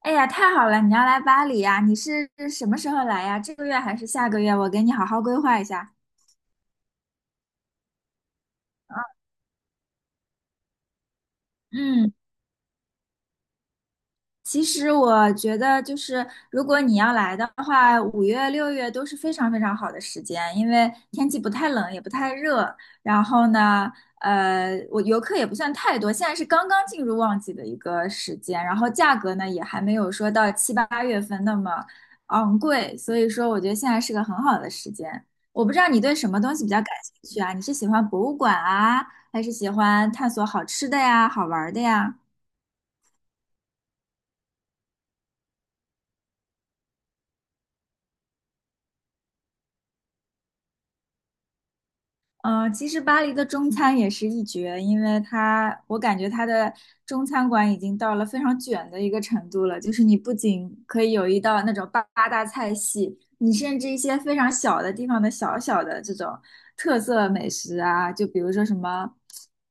哎呀，太好了！你要来巴黎呀？你是什么时候来呀？这个月还是下个月？我给你好好规划一下。嗯。其实我觉得，就是如果你要来的话，5月、6月都是非常非常好的时间，因为天气不太冷，也不太热。然后呢，我游客也不算太多，现在是刚刚进入旺季的一个时间，然后价格呢也还没有说到七八月份那么昂贵，所以说我觉得现在是个很好的时间。我不知道你对什么东西比较感兴趣啊？你是喜欢博物馆啊，还是喜欢探索好吃的呀、好玩儿的呀？嗯，其实巴黎的中餐也是一绝，因为它，我感觉它的中餐馆已经到了非常卷的一个程度了。就是你不仅可以有一道那种八大菜系，你甚至一些非常小的地方的小小的这种特色美食啊，就比如说什么，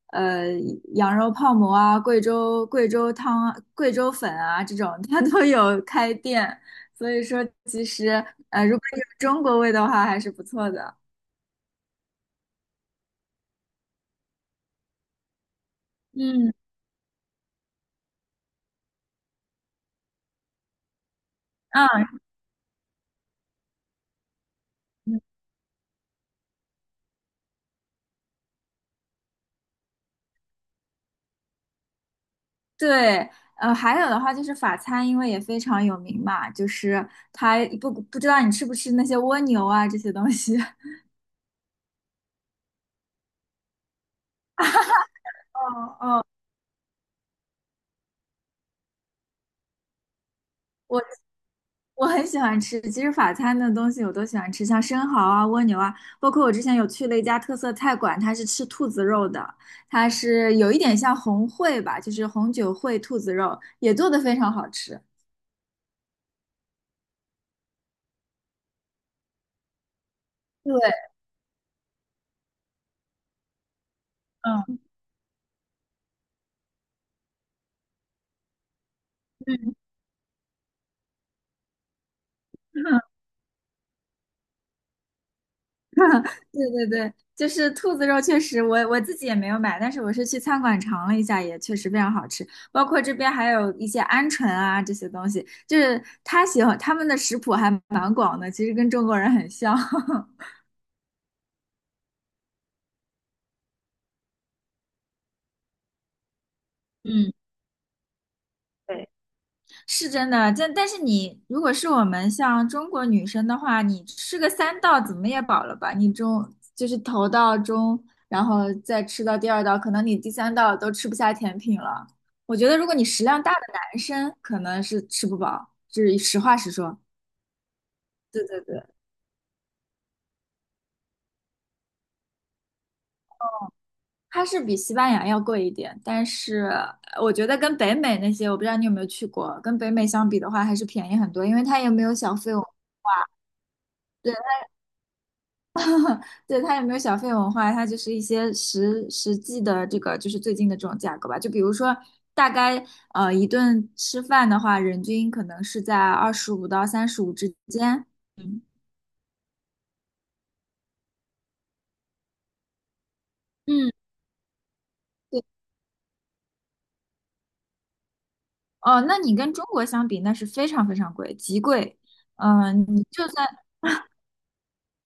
呃，羊肉泡馍啊、贵州汤啊贵州粉啊这种，它都有开店。所以说，其实如果有中国味的话，还是不错的。嗯，嗯。对，还有的话就是法餐，因为也非常有名嘛，就是它不知道你吃不吃那些蜗牛啊这些东西。哦哦，我我很喜欢吃，其实法餐的东西我都喜欢吃，像生蚝啊、蜗牛啊，包括我之前有去了一家特色菜馆，它是吃兔子肉的，它是有一点像红烩吧，就是红酒烩兔子肉，也做的非常好吃。对，嗯，对对对，就是兔子肉，确实我自己也没有买，但是我是去餐馆尝了一下，也确实非常好吃。包括这边还有一些鹌鹑啊这些东西，就是他喜欢他们的食谱还蛮广的，其实跟中国人很像。嗯，对，是真的，但是你如果是我们像中国女生的话，你吃个三道怎么也饱了吧？你中就是头道中，然后再吃到第二道，可能你第三道都吃不下甜品了。我觉得如果你食量大的男生，可能是吃不饱，就是实话实说。对对对，它是比西班牙要贵一点，但是我觉得跟北美那些，我不知道你有没有去过，跟北美相比的话，还是便宜很多，因为它也没有小费。对。对，它也没有小费文化，它就是一些实际的这个就是最近的这种价格吧。就比如说，大概一顿吃饭的话，人均可能是在25到35之间。嗯，对，哦，那你跟中国相比，那是非常非常贵，极贵。嗯，你就算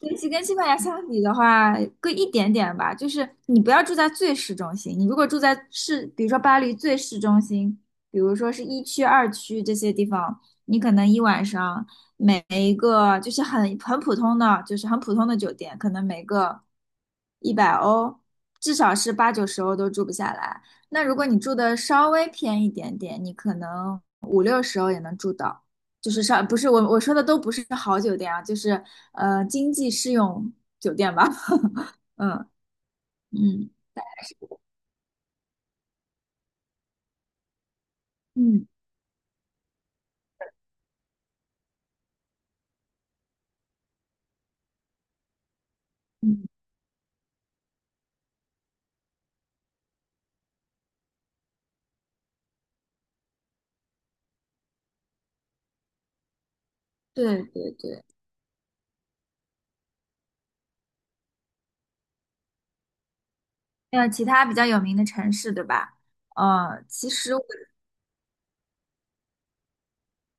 学习跟西班牙相比的话，贵一点点吧。就是你不要住在最市中心，你如果住在市，比如说巴黎最市中心，比如说是一区、二区这些地方，你可能一晚上每一个就是很普通的，就是很普通的酒店，可能每个100欧，至少是八九十欧都住不下来。那如果你住的稍微偏一点点，你可能五六十欧也能住到。就是上，不是我说的都不是好酒店啊，就是经济适用酒店吧。嗯嗯嗯嗯，对对对。还其他比较有名的城市，对吧？其实我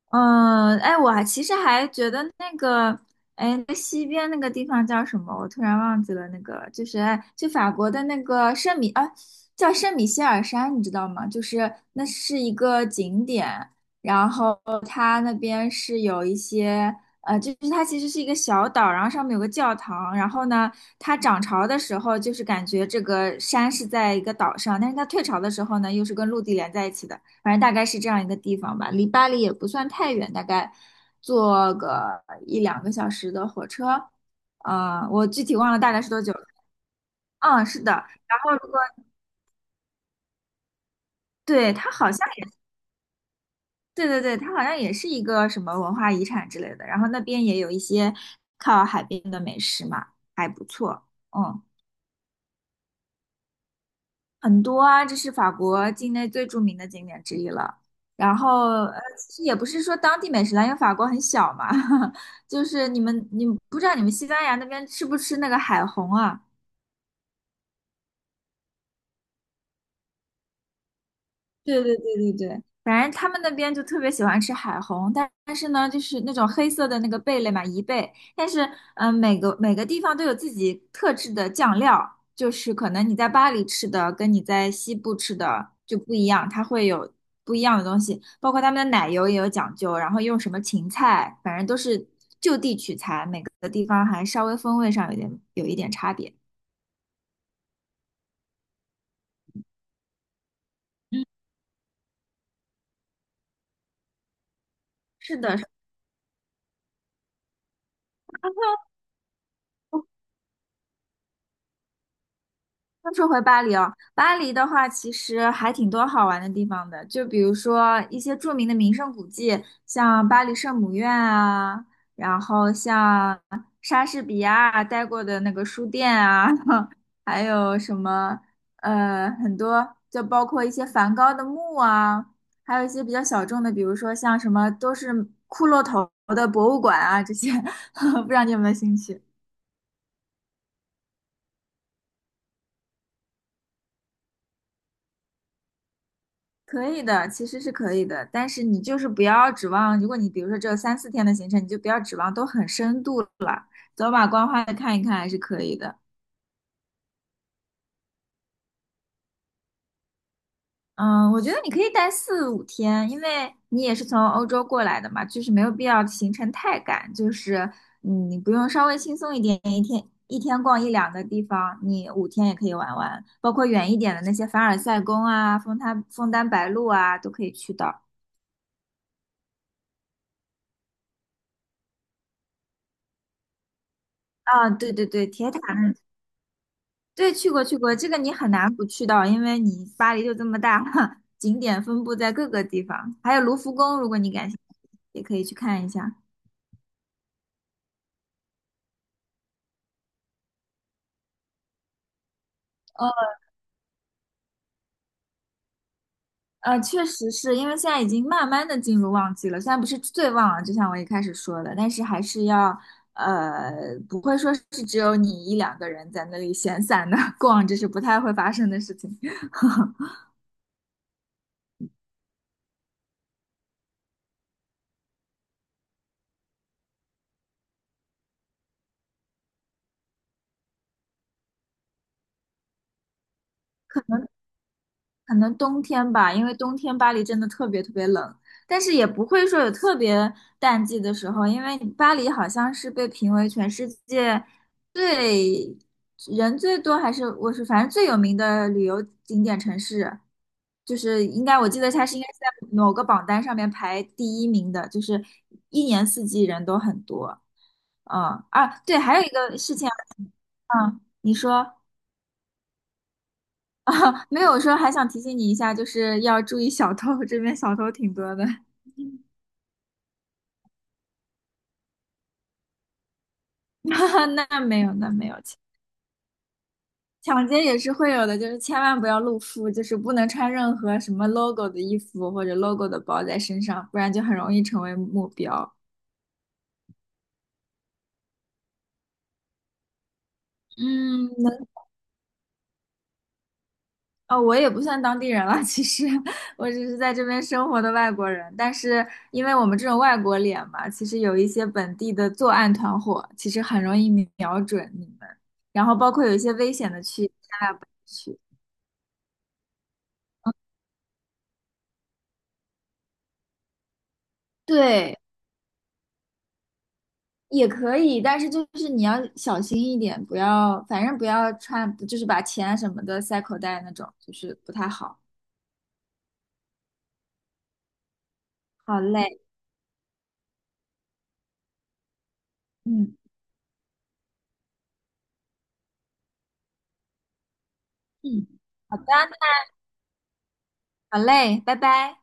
嗯，哎，我还其实还觉得那个，哎，那西边那个地方叫什么？我突然忘记了，那个就是哎就法国的那个圣米啊，叫圣米歇尔山，你知道吗？就是那是一个景点，然后它那边是有一些就是它其实是一个小岛，然后上面有个教堂，然后呢，它涨潮的时候就是感觉这个山是在一个岛上，但是它退潮的时候呢，又是跟陆地连在一起的。反正大概是这样一个地方吧，离巴黎也不算太远，大概坐个一两个小时的火车。啊、我具体忘了大概是多久了，嗯，是的。然后如果对它好像也，对对对，它好像也是一个什么文化遗产之类的。然后那边也有一些靠海边的美食嘛，还不错。嗯。很多啊，这是法国境内最著名的景点之一了。然后，其实也不是说当地美食啦，因为法国很小嘛，就是你们不知道你们西班牙那边吃不吃那个海虹啊？对对对对对，反正他们那边就特别喜欢吃海虹，但是呢，就是那种黑色的那个贝类嘛，贻贝。但是，每个地方都有自己特制的酱料，就是可能你在巴黎吃的跟你在西部吃的就不一样，它会有不一样的东西，包括他们的奶油也有讲究，然后用什么芹菜，反正都是就地取材，每个地方还稍微风味上有一点差别。嗯，是的，那说回巴黎哦，巴黎的话其实还挺多好玩的地方的，就比如说一些著名的名胜古迹，像巴黎圣母院啊，然后像莎士比亚待过的那个书店啊，还有什么很多，就包括一些梵高的墓啊，还有一些比较小众的，比如说像什么都是骷髅头的博物馆啊这些，不知道你有没有兴趣？可以的，其实是可以的，但是你就是不要指望，如果你比如说只有三四天的行程，你就不要指望都很深度了，走马观花的看一看还是可以的。嗯，我觉得你可以待四五天，因为你也是从欧洲过来的嘛，就是没有必要行程太赶，就是你不用稍微轻松一点，一天一天逛一两个地方，你五天也可以玩完，包括远一点的那些凡尔赛宫啊、枫丹白露啊，都可以去到。啊，对对对，铁塔那对，去过去过，这个你很难不去到，因为你巴黎就这么大，景点分布在各个地方，还有卢浮宫，如果你感兴趣，也可以去看一下。呃确实是因为现在已经慢慢的进入旺季了，虽然不是最旺了，就像我一开始说的，但是还是要呃，不会说是只有你一两个人在那里闲散的 逛，这是不太会发生的事情。可能冬天吧，因为冬天巴黎真的特别特别冷，但是也不会说有特别淡季的时候，因为巴黎好像是被评为全世界最人最多，还是我是反正最有名的旅游景点城市，就是应该我记得它是应该是在某个榜单上面排第一名的，就是一年四季人都很多。嗯，啊，对，还有一个事情，嗯，你说。啊，没有说还想提醒你一下，就是要注意小偷，这边小偷挺多的。那没有，那没有，抢劫也是会有的，就是千万不要露富，就是不能穿任何什么 logo 的衣服或者 logo 的包在身上，不然就很容易成为目标。嗯，哦，我也不算当地人了，其实 我只是在这边生活的外国人。但是因为我们这种外国脸嘛，其实有一些本地的作案团伙，其实很容易瞄准你们。然后包括有一些危险的区域，千万不要去。对，也可以，但是就是你要小心一点，不要，反正不要穿，就是把钱啊什么的塞口袋那种，就是不太好。好嘞，嗯嗯，好的，好嘞，拜拜。